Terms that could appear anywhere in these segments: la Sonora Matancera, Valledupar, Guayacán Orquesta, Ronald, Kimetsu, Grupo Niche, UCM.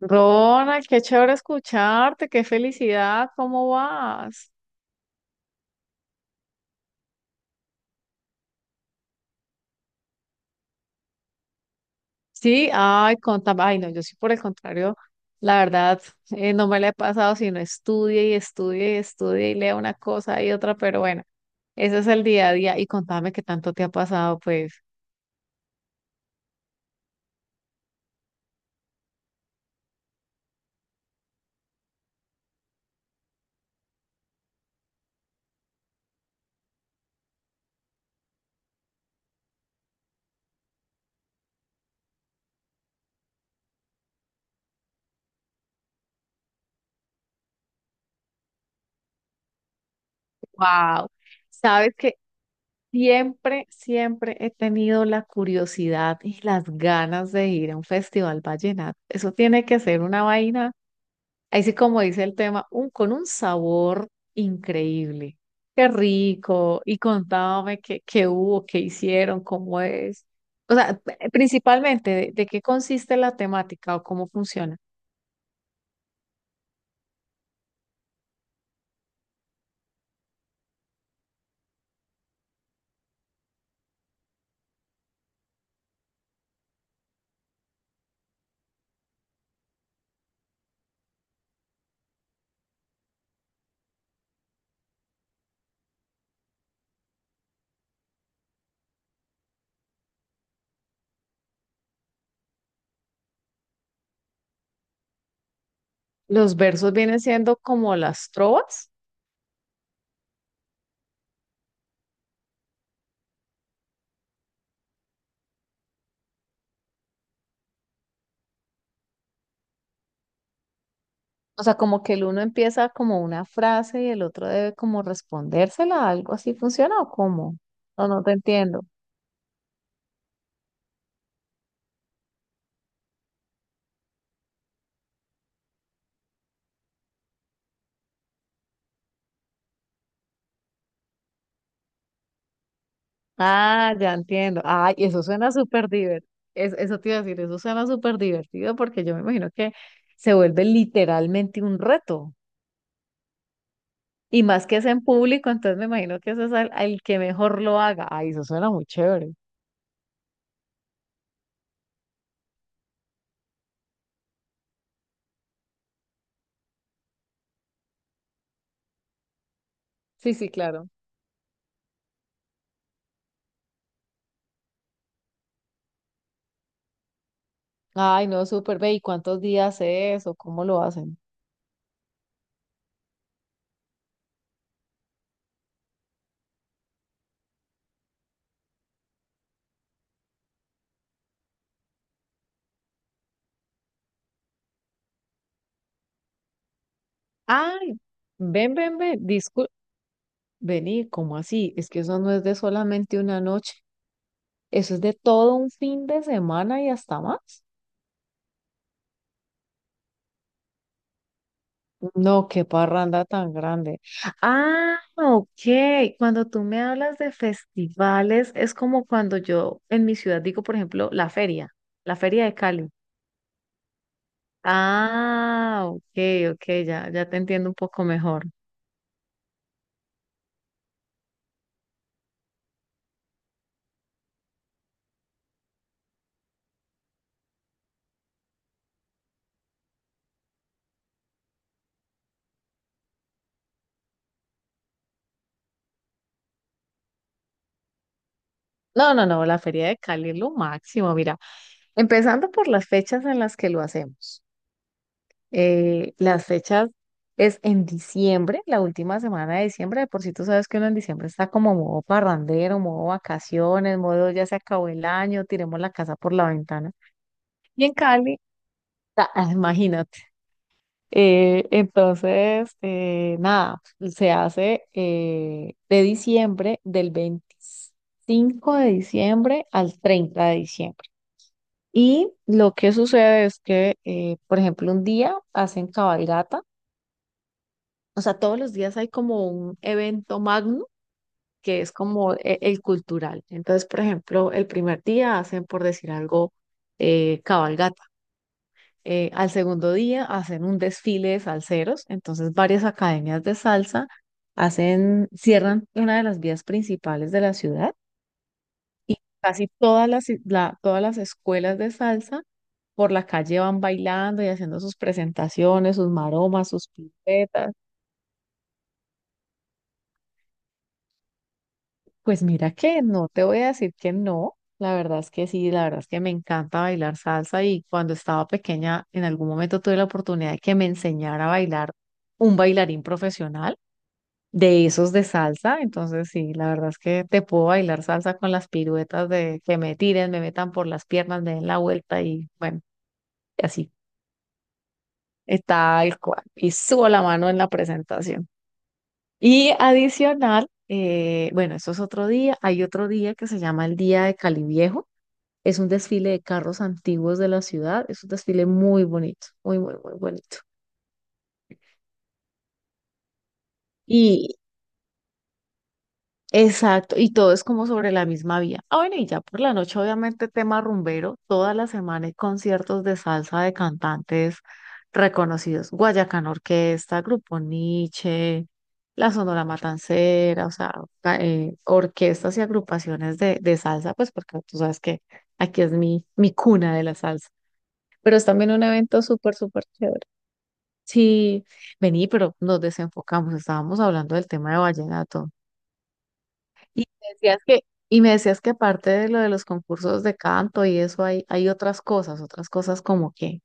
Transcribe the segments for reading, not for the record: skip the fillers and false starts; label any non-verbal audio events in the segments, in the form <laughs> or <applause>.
Ronald, qué chévere escucharte, qué felicidad, ¿cómo vas? Sí, ay, contame, ay, no, yo sí por el contrario, la verdad, no me la he pasado, sino estudie y estudie y estudie y lea una cosa y otra, pero bueno, ese es el día a día y contame qué tanto te ha pasado, pues. Wow, sabes que siempre, siempre he tenido la curiosidad y las ganas de ir a un festival vallenato, eso tiene que ser una vaina. Ahí sí, como dice el tema, un, con un sabor increíble. Qué rico. Y contame qué, qué hubo, qué hicieron, cómo es. O sea, principalmente, de qué consiste la temática o cómo funciona? Los versos vienen siendo como las trovas. O sea, como que el uno empieza como una frase y el otro debe como respondérsela, ¿algo así funciona o cómo? No, no te entiendo. Ah, ya entiendo. Ay, eso suena súper divertido. Eso te iba a decir, eso suena súper divertido porque yo me imagino que se vuelve literalmente un reto. Y más que es en público, entonces me imagino que eso es al, al que mejor lo haga. Ay, eso suena muy chévere. Sí, sí, claro. Ay, no, súper. Ve, ¿y cuántos días es o cómo lo hacen? Ay, ven, ven, ven. Disculpe. Vení, ¿cómo así? Es que eso no es de solamente una noche. Eso es de todo un fin de semana y hasta más. No, qué parranda tan grande. Ah, ok. Cuando tú me hablas de festivales, es como cuando yo en mi ciudad digo, por ejemplo, la feria de Cali. Ah, ok, ok, ya, ya te entiendo un poco mejor. No, no, no, la feria de Cali es lo máximo, mira, empezando por las fechas en las que lo hacemos. Las fechas es en diciembre, la última semana de diciembre. De por si tú sabes que uno en diciembre está como modo parrandero, modo vacaciones, modo ya se acabó el año, tiremos la casa por la ventana. Y en Cali, <laughs> ah, imagínate. Entonces, nada, se hace de diciembre, del 25 de diciembre al 30 de diciembre. Y lo que sucede es que, por ejemplo, un día hacen cabalgata. O sea, todos los días hay como un evento magno que es como el cultural. Entonces, por ejemplo, el primer día hacen, por decir algo, cabalgata. Al segundo día hacen un desfile de salseros. Entonces, varias academias de salsa hacen, cierran una de las vías principales de la ciudad. Casi todas las, todas las escuelas de salsa por la calle van bailando y haciendo sus presentaciones, sus maromas, sus piruetas. Pues mira que no te voy a decir que no, la verdad es que sí, la verdad es que me encanta bailar salsa y cuando estaba pequeña en algún momento tuve la oportunidad de que me enseñara a bailar un bailarín profesional de esos de salsa, entonces sí, la verdad es que te puedo bailar salsa con las piruetas de que me tiren, me metan por las piernas, me den la vuelta y bueno, y así está el cual y subo la mano en la presentación. Y adicional, bueno, eso es otro día, hay otro día que se llama el Día de Cali Viejo. Es un desfile de carros antiguos de la ciudad. Es un desfile muy bonito, muy, muy, muy bonito. Y exacto, y todo es como sobre la misma vía. Ah, bueno, y ya por la noche, obviamente, tema rumbero. Toda la semana hay conciertos de salsa de cantantes reconocidos. Guayacán Orquesta, Grupo Niche, la Sonora Matancera, o sea, orquestas y agrupaciones de salsa, pues porque tú sabes que aquí es mi, mi cuna de la salsa. Pero es también un evento súper, súper chévere. Sí, vení, pero nos desenfocamos, estábamos hablando del tema de vallenato. Y me decías que, y me decías que aparte de lo de los concursos de canto y eso hay, hay otras cosas como que,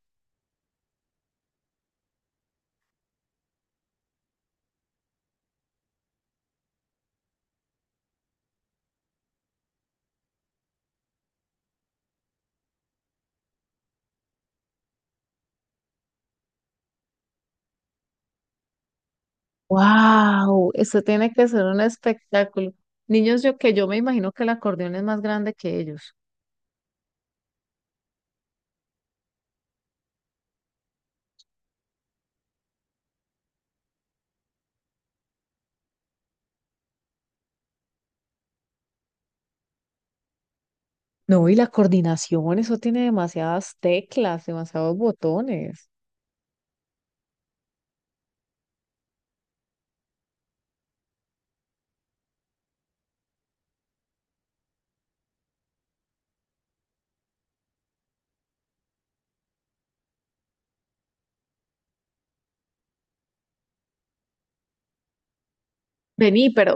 wow, esto tiene que ser un espectáculo. Niños, yo que yo me imagino que el acordeón es más grande que ellos. No, y la coordinación, eso tiene demasiadas teclas, demasiados botones. Vení, pero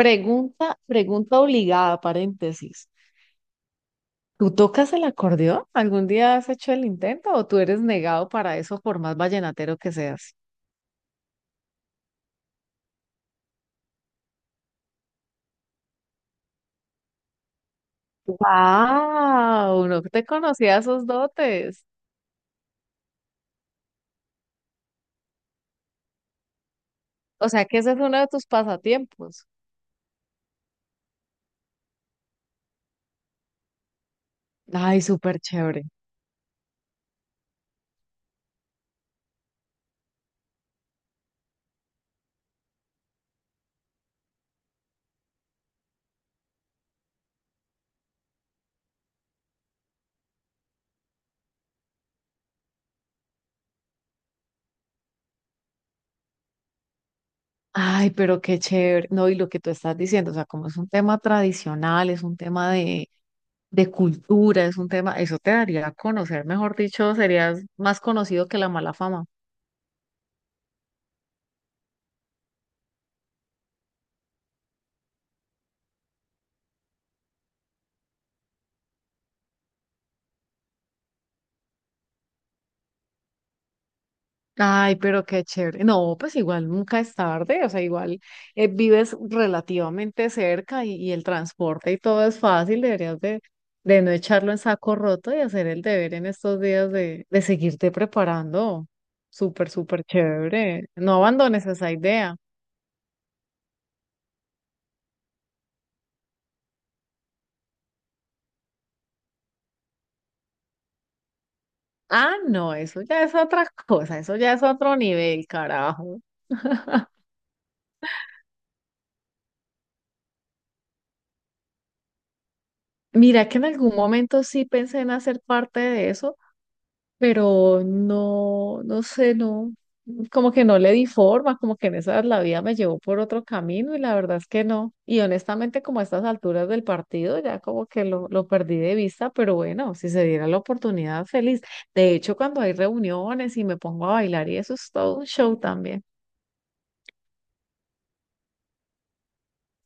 pregunta, pregunta obligada, paréntesis. ¿Tú tocas el acordeón? ¿Algún día has hecho el intento o tú eres negado para eso por más vallenatero que seas? ¡Wow! No te conocía esos dotes. O sea que ese es uno de tus pasatiempos. Ay, súper chévere. Ay, pero qué chévere. No, y lo que tú estás diciendo, o sea, como es un tema tradicional, es un tema de cultura, es un tema, eso te daría a conocer, mejor dicho, serías más conocido que la mala fama. Ay, pero qué chévere. No, pues igual nunca es tarde, o sea, igual vives relativamente cerca y el transporte y todo es fácil, deberías de no echarlo en saco roto y hacer el deber en estos días de seguirte preparando. Súper, súper chévere. No abandones esa idea. Ah, no, eso ya es otra <laughs> cosa, eso ya es otro nivel, carajo. Mira que en algún momento sí pensé en hacer parte de eso, pero no, no sé, no, como que no le di forma, como que en esas la vida me llevó por otro camino y la verdad es que no. Y honestamente, como a estas alturas del partido, ya como que lo perdí de vista, pero bueno, si se diera la oportunidad, feliz. De hecho, cuando hay reuniones y me pongo a bailar y eso es todo un show también.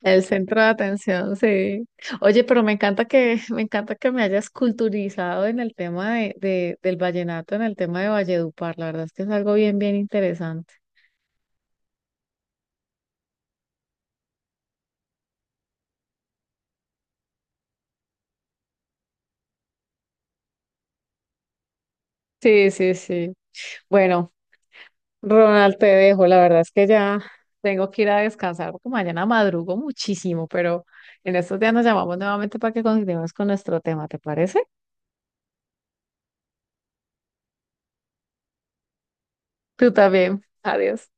El centro de atención, sí. Oye, pero me encanta que, <laughs> me encanta que me hayas culturizado en el tema de, del vallenato, en el tema de Valledupar. La verdad es que es algo bien, bien interesante. Sí, sí, sí. Bueno, Ronald, te dejo. La verdad es que ya tengo que ir a descansar porque mañana madrugo muchísimo, pero en estos días nos llamamos nuevamente para que continuemos con nuestro tema, ¿te parece? Tú también. Adiós.